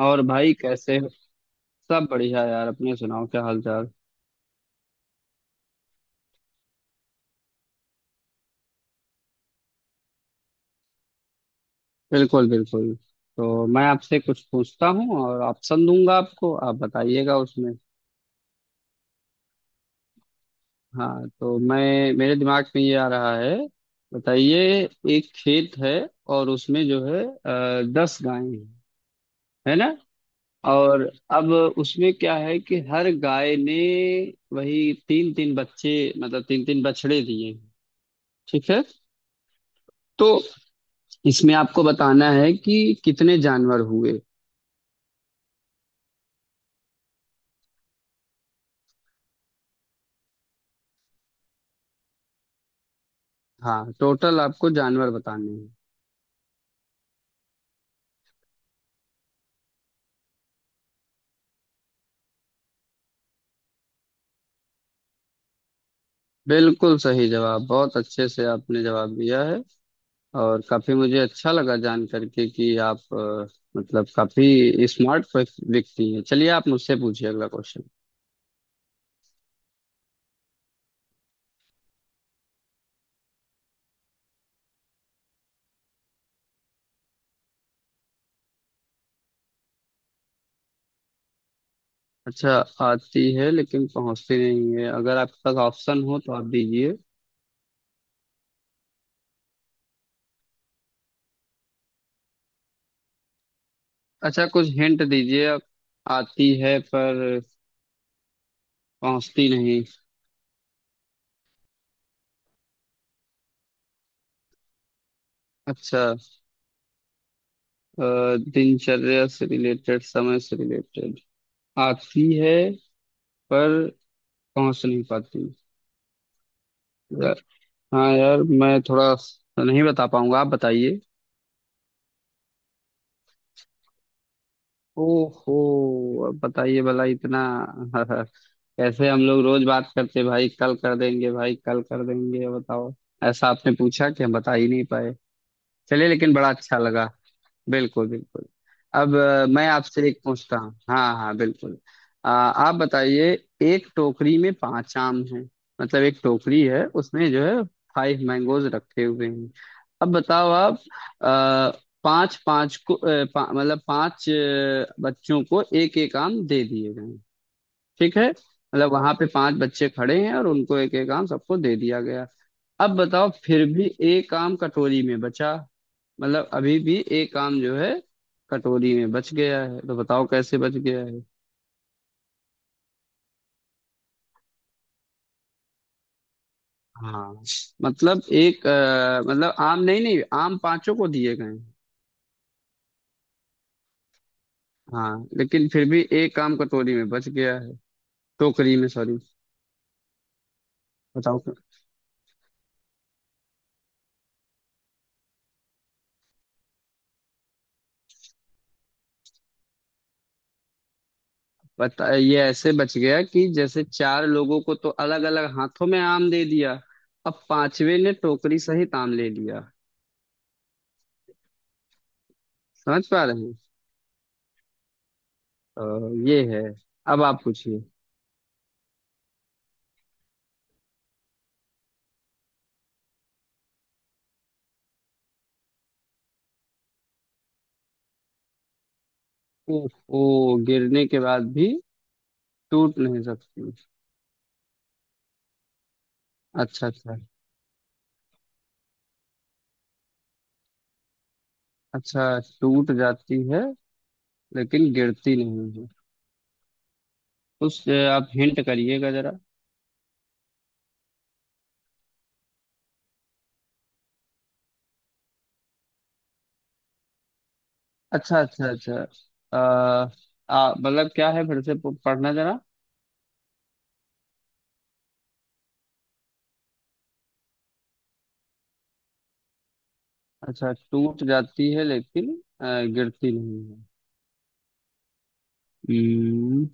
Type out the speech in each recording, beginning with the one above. और भाई कैसे हो। सब बढ़िया यार, अपने सुनाओ क्या हाल चाल। बिल्कुल बिल्कुल। तो मैं आपसे कुछ पूछता हूँ और ऑप्शन दूंगा आपको, आप बताइएगा उसमें। हाँ, तो मैं मेरे दिमाग में ये आ रहा है, बताइए। एक खेत है और उसमें जो है 10 गायें हैं, है ना। और अब उसमें क्या है कि हर गाय ने वही तीन तीन बच्चे, मतलब तीन तीन बछड़े दिए हैं। ठीक है, तो इसमें आपको बताना है कि कितने जानवर हुए। हाँ, टोटल आपको जानवर बताने हैं। बिल्कुल सही जवाब, बहुत अच्छे से आपने जवाब दिया है, और काफी मुझे अच्छा लगा जान करके कि आप मतलब काफी स्मार्ट व्यक्ति हैं। चलिए, आप मुझसे पूछिए अगला क्वेश्चन। अच्छा, आती है लेकिन पहुंचती नहीं है। अगर आपके पास ऑप्शन हो तो आप दीजिए। अच्छा, कुछ हिंट दीजिए। आती है पर पहुंचती नहीं। अच्छा, दिनचर्या से रिलेटेड, समय से रिलेटेड। आती है पर पहुंच नहीं पाती। यार, हाँ यार, मैं थोड़ा नहीं बता पाऊंगा, आप बताइए। ओहो, अब बताइए भला इतना कैसे हम लोग रोज बात करते, भाई कल कर देंगे, भाई कल कर देंगे, बताओ। ऐसा आपने पूछा कि हम बता ही नहीं पाए। चलिए, लेकिन बड़ा अच्छा लगा। बिल्कुल बिल्कुल। अब मैं आपसे एक पूछता हूँ। हाँ हाँ बिल्कुल। आप बताइए। एक टोकरी में पांच आम हैं, मतलब एक टोकरी है, उसमें जो है फाइव मैंगोज रखे हुए हैं। अब बताओ आप, अ, पांच पांच को अ, पा, मतलब पांच बच्चों को एक एक आम दे दिए गए। ठीक है, मतलब वहां पे पांच बच्चे खड़े हैं और उनको एक एक आम सबको दे दिया गया। अब बताओ, फिर भी एक आम कटोरी में बचा, मतलब अभी भी एक काम जो है कटोरी में बच गया है, तो बताओ कैसे बच गया है। हाँ, मतलब एक मतलब आम, नहीं नहीं, आम पांचों को दिए गए हैं। हाँ, लेकिन फिर भी एक आम कटोरी में बच गया है, टोकरी में सॉरी। बताओ क्या? बता, ये ऐसे बच गया कि जैसे चार लोगों को तो अलग अलग हाथों में आम दे दिया, अब पांचवे ने टोकरी सहित आम ले लिया। समझ पा रहे हैं? तो ये है। अब आप पूछिए। ओहो, गिरने के बाद भी टूट नहीं सकती। अच्छा अच्छा अच्छा, टूट जाती है लेकिन गिरती नहीं है। उस आप हिंट करिएगा जरा। अच्छा अच्छा अच्छा, अ, आ मतलब क्या है, फिर से पढ़ना जरा। अच्छा, टूट जाती है लेकिन अ, गिरती नहीं है। हम्म,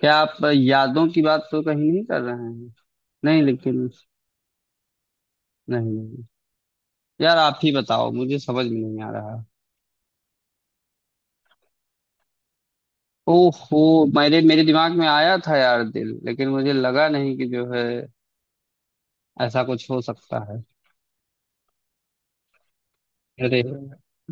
क्या आप यादों की बात तो कहीं नहीं कर रहे हैं। नहीं लेकिन, नहीं नहीं यार, आप ही बताओ, मुझे समझ में नहीं आ रहा। ओहो, मेरे मेरे दिमाग में आया था यार दिल, लेकिन मुझे लगा नहीं कि जो है ऐसा कुछ हो सकता है। अरे,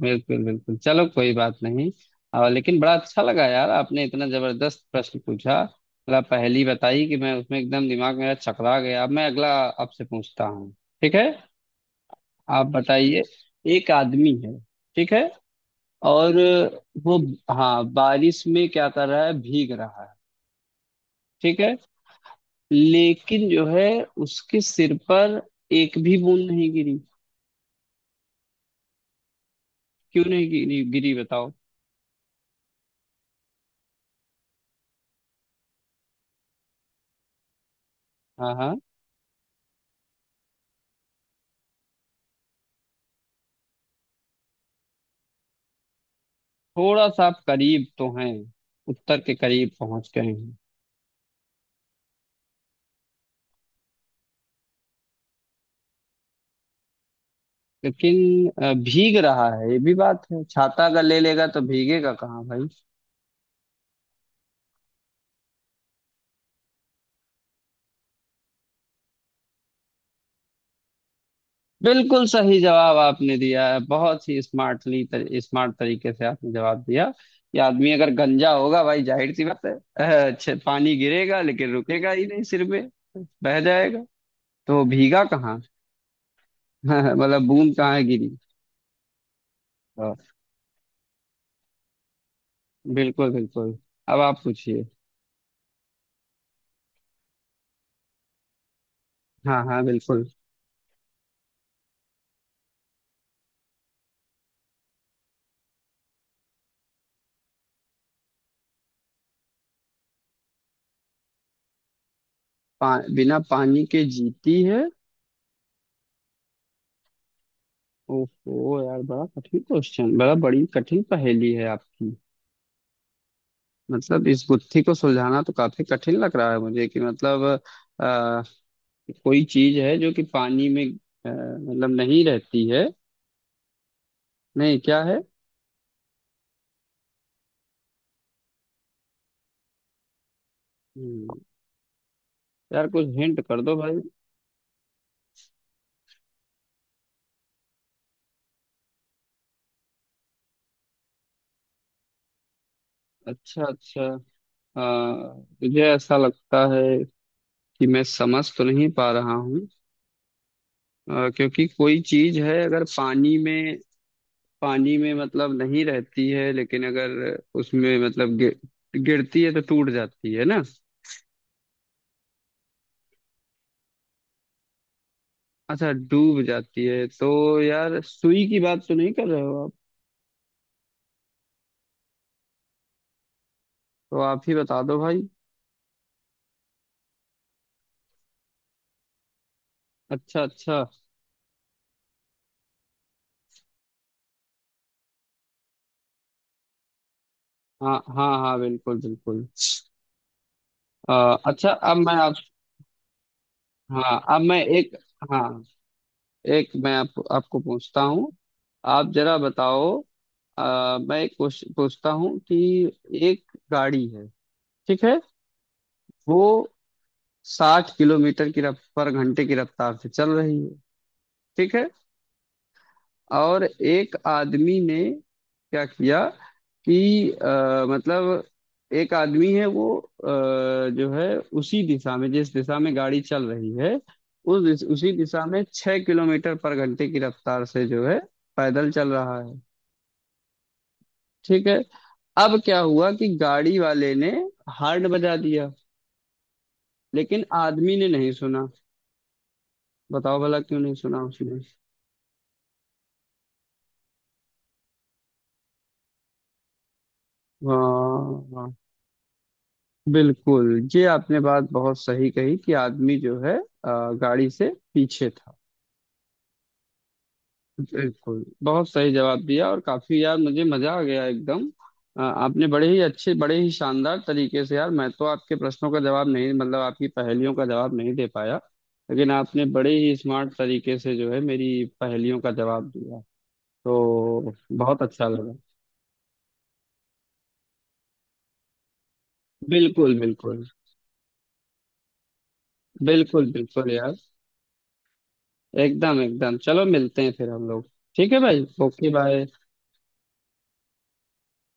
बिल्कुल बिल्कुल, चलो कोई बात नहीं। लेकिन बड़ा अच्छा लगा यार, आपने इतना जबरदस्त प्रश्न पूछा, मतलब पहेली बताई कि मैं उसमें एकदम दिमाग मेरा चकरा गया। अब मैं अगला आपसे पूछता हूँ, ठीक है। आप बताइए। एक आदमी है, ठीक है, और वो, हाँ, बारिश में क्या कर रहा है, भीग रहा है। ठीक है, लेकिन जो है उसके सिर पर एक भी बूंद नहीं गिरी। क्यों नहीं गिरी गिरी बताओ। हाँ हाँ, थोड़ा सा आप करीब तो हैं, उत्तर के करीब पहुंच गए हैं। लेकिन भीग रहा है, ये भी बात है, छाता अगर ले लेगा तो भीगेगा कहाँ भाई। बिल्कुल सही जवाब आपने दिया है, बहुत ही स्मार्टली स्मार्ट तरीके से आपने जवाब दिया। ये आदमी अगर गंजा होगा भाई, जाहिर सी बात है, अच्छे पानी गिरेगा लेकिन रुकेगा ही नहीं सिर पे, बह जाएगा। तो वो भीगा कहाँ मतलब बूंद कहाँ गिरी। अ, बिल्कुल बिल्कुल। अब आप पूछिए। हाँ हाँ बिल्कुल। बिना पानी के जीती है। ओहो यार, बड़ा कठिन क्वेश्चन, बड़ा बड़ी कठिन पहेली है आपकी। मतलब इस गुत्थी को सुलझाना तो काफी कठिन लग रहा है मुझे, कि मतलब आ, कोई चीज है जो कि पानी में मतलब नहीं रहती है, नहीं क्या है। हम्म, यार कुछ हिंट कर दो भाई। अच्छा अच्छा, आ, मुझे ऐसा लगता है कि मैं समझ तो नहीं पा रहा हूँ, क्योंकि कोई चीज है अगर पानी में, मतलब नहीं रहती है, लेकिन अगर उसमें मतलब गिरती है तो टूट जाती है ना। अच्छा, डूब जाती है तो यार, सुई की बात तो नहीं कर रहे हो आप। तो आप ही बता दो भाई। अच्छा अच्छा, हाँ हाँ हाँ, बिल्कुल बिल्कुल। अच्छा, अब मैं आप हाँ, अब मैं एक हाँ, आपको पूछता हूँ, आप जरा बताओ। मैं एक पूछता हूँ कि एक गाड़ी है, ठीक है। वो 60 किलोमीटर की रफ पर घंटे की रफ्तार से चल रही है, ठीक है। और एक आदमी ने क्या किया कि मतलब एक आदमी है, वो, जो है, उसी दिशा में जिस दिशा में गाड़ी चल रही है, उसी दिशा में 6 किलोमीटर पर घंटे की रफ्तार से जो है पैदल चल रहा है। ठीक है, अब क्या हुआ कि गाड़ी वाले ने हॉर्न बजा दिया, लेकिन आदमी ने नहीं सुना। बताओ भला, क्यों नहीं सुना उसने। वाह बिल्कुल, ये आपने बात बहुत सही कही, कि आदमी जो है गाड़ी से पीछे था। बिल्कुल, बहुत सही जवाब दिया, और काफी यार मुझे मजा आ गया एकदम। आपने बड़े ही अच्छे, बड़े ही शानदार तरीके से, यार मैं तो आपके प्रश्नों का जवाब नहीं, मतलब आपकी पहेलियों का जवाब नहीं दे पाया। लेकिन आपने बड़े ही स्मार्ट तरीके से जो है मेरी पहेलियों का जवाब दिया। तो बहुत अच्छा लगा। बिल्कुल बिल्कुल, बिल्कुल बिल्कुल यार, एकदम एकदम। चलो मिलते हैं फिर हम लोग। ठीक है भाई, ओके बाय।